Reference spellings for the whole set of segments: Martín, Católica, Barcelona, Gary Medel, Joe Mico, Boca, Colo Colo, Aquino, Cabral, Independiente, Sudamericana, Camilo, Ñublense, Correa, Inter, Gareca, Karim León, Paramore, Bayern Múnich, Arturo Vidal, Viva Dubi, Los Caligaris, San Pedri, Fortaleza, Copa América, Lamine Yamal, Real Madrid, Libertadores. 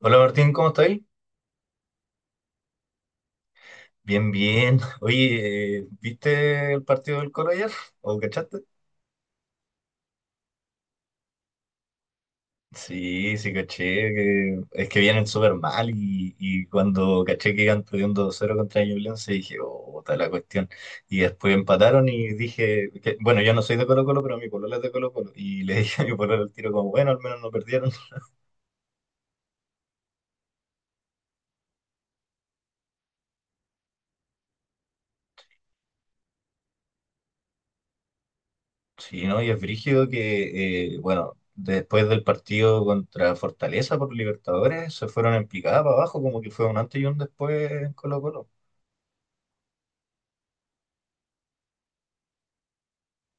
Hola Martín, ¿cómo estáis? Bien, bien. Oye, ¿viste el partido del Coro ayer? ¿O cachaste? Sí, sí, caché. Es que vienen súper mal y cuando caché que iban perdiendo 2-0 contra Ñublense dije, oh, está la cuestión. Y después empataron y dije, bueno, yo no soy de Colo Colo, pero mi polola es de Colo Colo. Y le dije a mi polola al tiro como, bueno, al menos no perdieron. Sí, ¿no? Y es brígido que, bueno, después del partido contra Fortaleza por Libertadores, se fueron en picada para abajo, como que fue un antes y un después en Colo-Colo.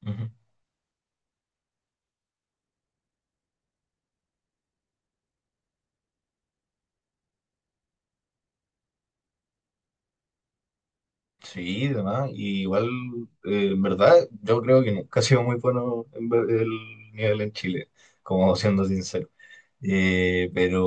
Ujú. Sí, demás. Y igual, en verdad, yo creo que nunca ha sido muy bueno en el nivel en Chile, como siendo sincero. Pero,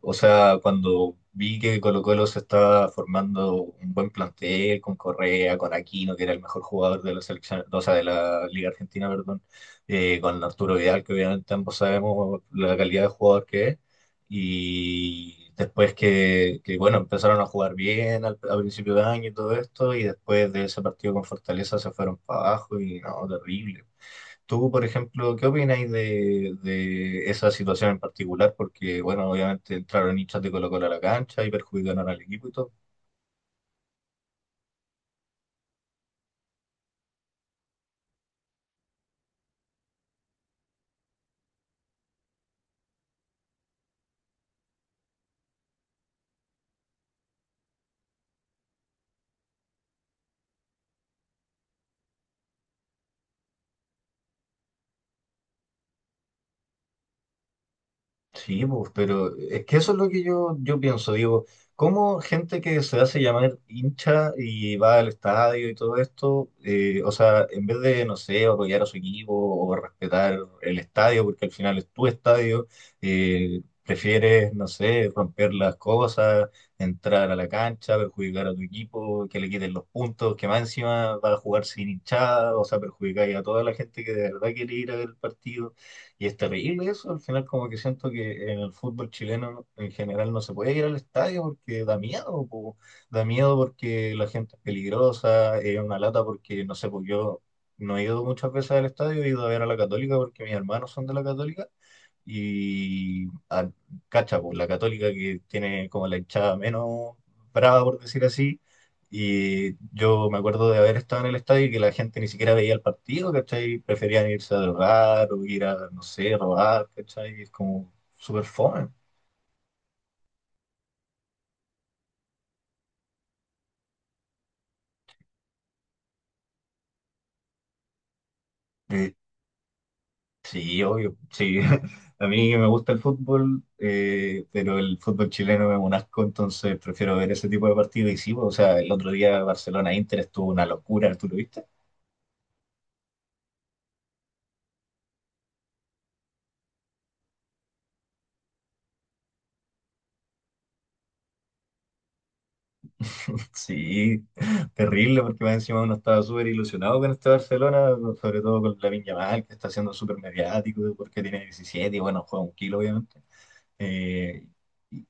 o sea, cuando vi que Colo-Colo se estaba formando un buen plantel con Correa, con Aquino, que era el mejor jugador de la selección, o sea, de la Liga Argentina, perdón, con Arturo Vidal, que obviamente ambos sabemos la calidad de jugador que es, y después que, bueno, empezaron a jugar bien a principio de año y todo esto, y después de ese partido con Fortaleza se fueron para abajo y no, terrible. Tú, por ejemplo, ¿qué opináis de, esa situación en particular? Porque, bueno, obviamente entraron hinchas de Colo-Colo a la cancha y perjudicaron al equipo y todo. Sí, pues, pero es que eso es lo que yo pienso. Digo, ¿cómo gente que se hace llamar hincha y va al estadio y todo esto, o sea, en vez de, no sé, apoyar a su equipo o respetar el estadio, porque al final es tu estadio, prefieres, no sé, romper las cosas, entrar a la cancha, perjudicar a tu equipo, que le quiten los puntos, que más encima va a jugar sin hinchada, o sea, perjudicar a toda la gente que de verdad quiere ir a ver el partido. Y es terrible eso, al final como que siento que en el fútbol chileno en general no se puede ir al estadio porque da miedo, po. Da miedo porque la gente es peligrosa, es una lata porque, no sé, pues yo no he ido muchas veces al estadio, he ido a ver a la Católica porque mis hermanos son de la Católica y ah, cacha, pues, la Católica que tiene como la hinchada menos brava, por decir así. Y yo me acuerdo de haber estado en el estadio y que la gente ni siquiera veía el partido, ¿cachai? Preferían irse a drogar o ir a, no sé, robar, ¿cachai? Es como súper fome. Eh, sí, obvio, sí. A mí me gusta el fútbol, pero el fútbol chileno es un asco, entonces prefiero ver ese tipo de partidos. Y sí, pues, o sea, el otro día Barcelona-Inter estuvo una locura, ¿tú lo viste? Sí, terrible, porque más encima uno estaba súper ilusionado con este Barcelona, sobre todo con Lamine Yamal, que está siendo súper mediático, porque tiene 17 y bueno, juega un kilo, obviamente. Eh, y-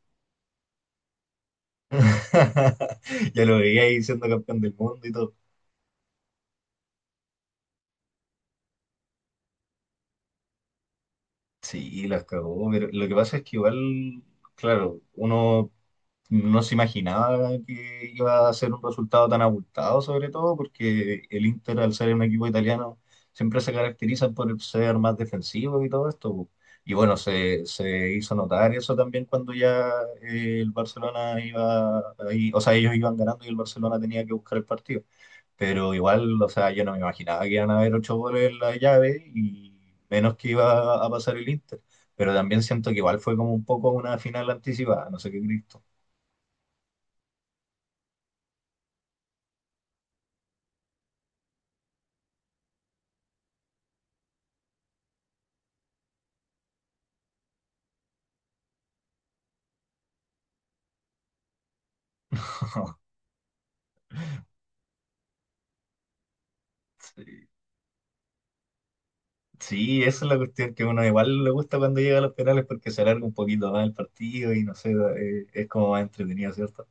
ya lo veía ahí siendo campeón del mundo y todo. Sí, las cagó, pero lo que pasa es que igual, claro, uno no se imaginaba que iba a ser un resultado tan abultado, sobre todo porque el Inter, al ser un equipo italiano, siempre se caracteriza por ser más defensivo y todo esto, po. Y bueno, se hizo notar eso también cuando ya el Barcelona iba ahí, o sea, ellos iban ganando y el Barcelona tenía que buscar el partido. Pero igual, o sea, yo no me imaginaba que iban a haber ocho goles en la llave y menos que iba a pasar el Inter. Pero también siento que igual fue como un poco una final anticipada, no sé qué Cristo. Sí, sí, esa es la cuestión que uno igual le gusta cuando llega a los penales porque se alarga un poquito más el partido y no sé, es como más entretenido, ¿cierto?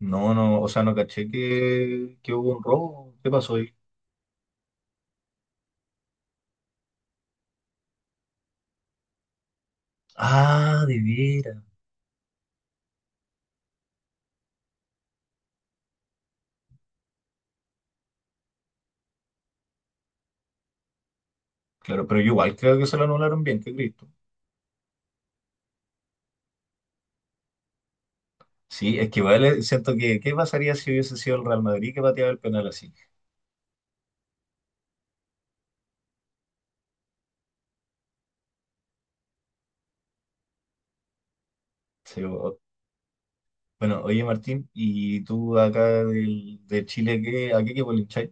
No, no, o sea, no caché que hubo un robo. ¿Qué pasó ahí? Ah, de veras. Claro, pero yo igual creo que se lo anularon bien, qué Cristo. Sí, es que igual siento que, ¿qué pasaría si hubiese sido el Real Madrid que pateaba el penal así? Sí, bueno, oye Martín, ¿y tú acá de Chile, a qué equipo le hincháis?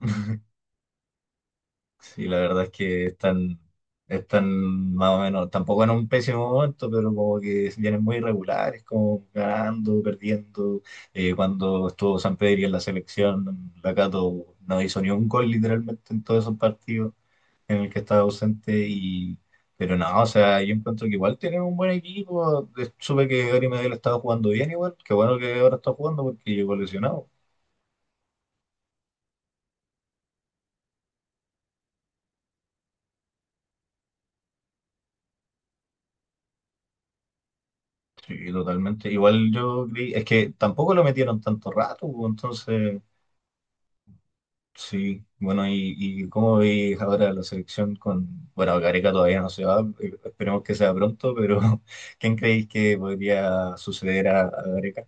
Sí, la verdad es que están más o menos, tampoco en un pésimo momento, pero como que vienen muy irregulares, como ganando, perdiendo. Cuando estuvo San Pedri en la selección, la Cato no hizo ni un gol literalmente en todos esos partidos en el que estaba ausente. Pero no, o sea, yo encuentro que igual tienen un buen equipo. Supe que Gary Medel estaba jugando bien igual, qué bueno que ahora está jugando porque llegó lesionado. Sí, totalmente. Igual yo creí, es que tampoco lo metieron tanto rato, pues, entonces, sí, bueno, y cómo veis ahora la selección con, bueno, Gareca todavía no se va, esperemos que sea pronto, pero ¿quién creéis que podría suceder a, Gareca?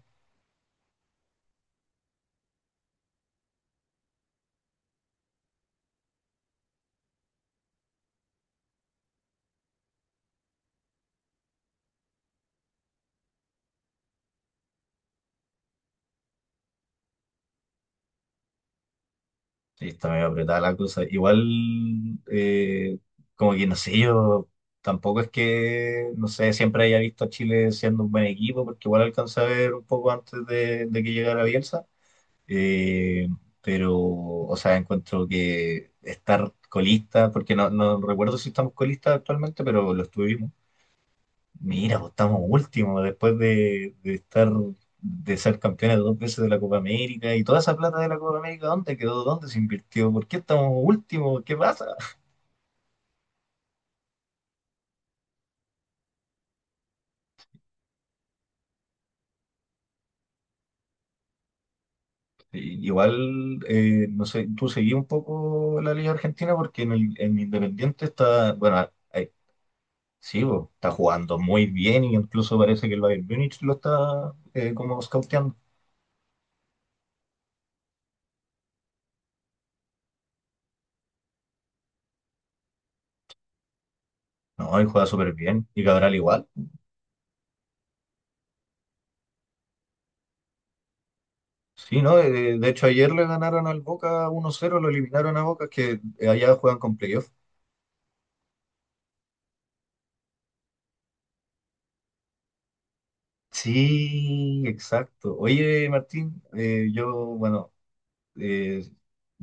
Sí, está medio apretada la cosa. Igual, eh, como que no sé, yo tampoco es que, no sé, siempre haya visto a Chile siendo un buen equipo, porque igual alcancé a ver un poco antes de, que llegara Bielsa. Eh, pero, o sea, encuentro que estar colista, porque no, no recuerdo si estamos colistas actualmente, pero lo estuvimos. Mira, pues estamos últimos después de ser campeones dos veces de la Copa América y toda esa plata de la Copa América, ¿dónde quedó? ¿Dónde se invirtió? ¿Por qué estamos últimos? ¿Qué pasa? Igual, no sé, tú seguí un poco la Liga Argentina porque en Independiente está, bueno, sí, bo, está jugando muy bien y incluso parece que el Bayern Múnich lo está como scouteando. No, y juega súper bien. Y Cabral igual. Sí, ¿no? De hecho, ayer le ganaron al Boca 1-0, lo eliminaron a Boca, que allá juegan con playoff. Sí, exacto. Oye, Martín, bueno, eh,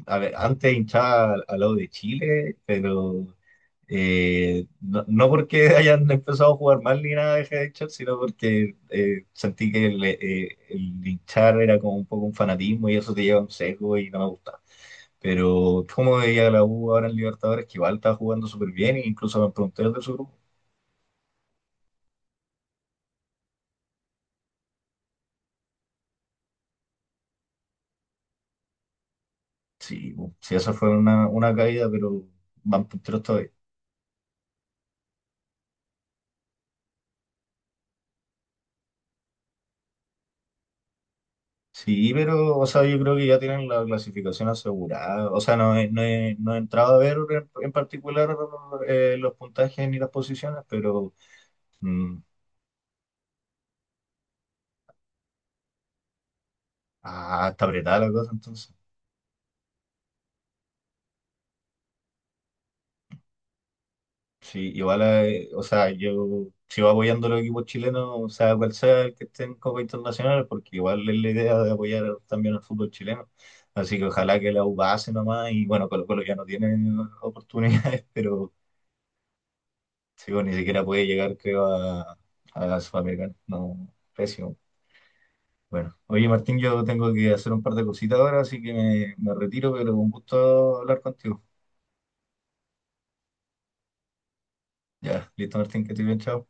a ver, antes hinchaba al lado de Chile, pero no, no porque hayan empezado a jugar mal ni nada de hinchar, sino porque sentí que el hinchar era como un poco un fanatismo y eso te lleva a un sesgo y no me gusta. Pero como veía la U ahora en Libertadores, que igual estaba jugando súper bien, e incluso van punteros de su grupo. Sí, bu, sí, esa fue una caída, pero van punteros todavía. Sí, pero, o sea, yo creo que ya tienen la clasificación asegurada. O sea, no he entrado a ver en particular los puntajes ni las posiciones, pero Mm. Ah, está apretada la cosa entonces. Sí, igual, o sea, yo sigo apoyando a los equipos chilenos, o sea, cual sea el que esté en Copa Internacional, porque igual es la idea de apoyar también al fútbol chileno. Así que ojalá que la U pase nomás, y bueno, Colo Colo ya no tiene oportunidades, pero sí, bueno, ni siquiera puede llegar, creo, a, la Sudamericana. No, pésimo. Bueno, oye Martín, yo tengo que hacer un par de cositas ahora, así que me retiro, pero un gusto hablar contigo. Ya, listo Martín, que estoy bien, chao.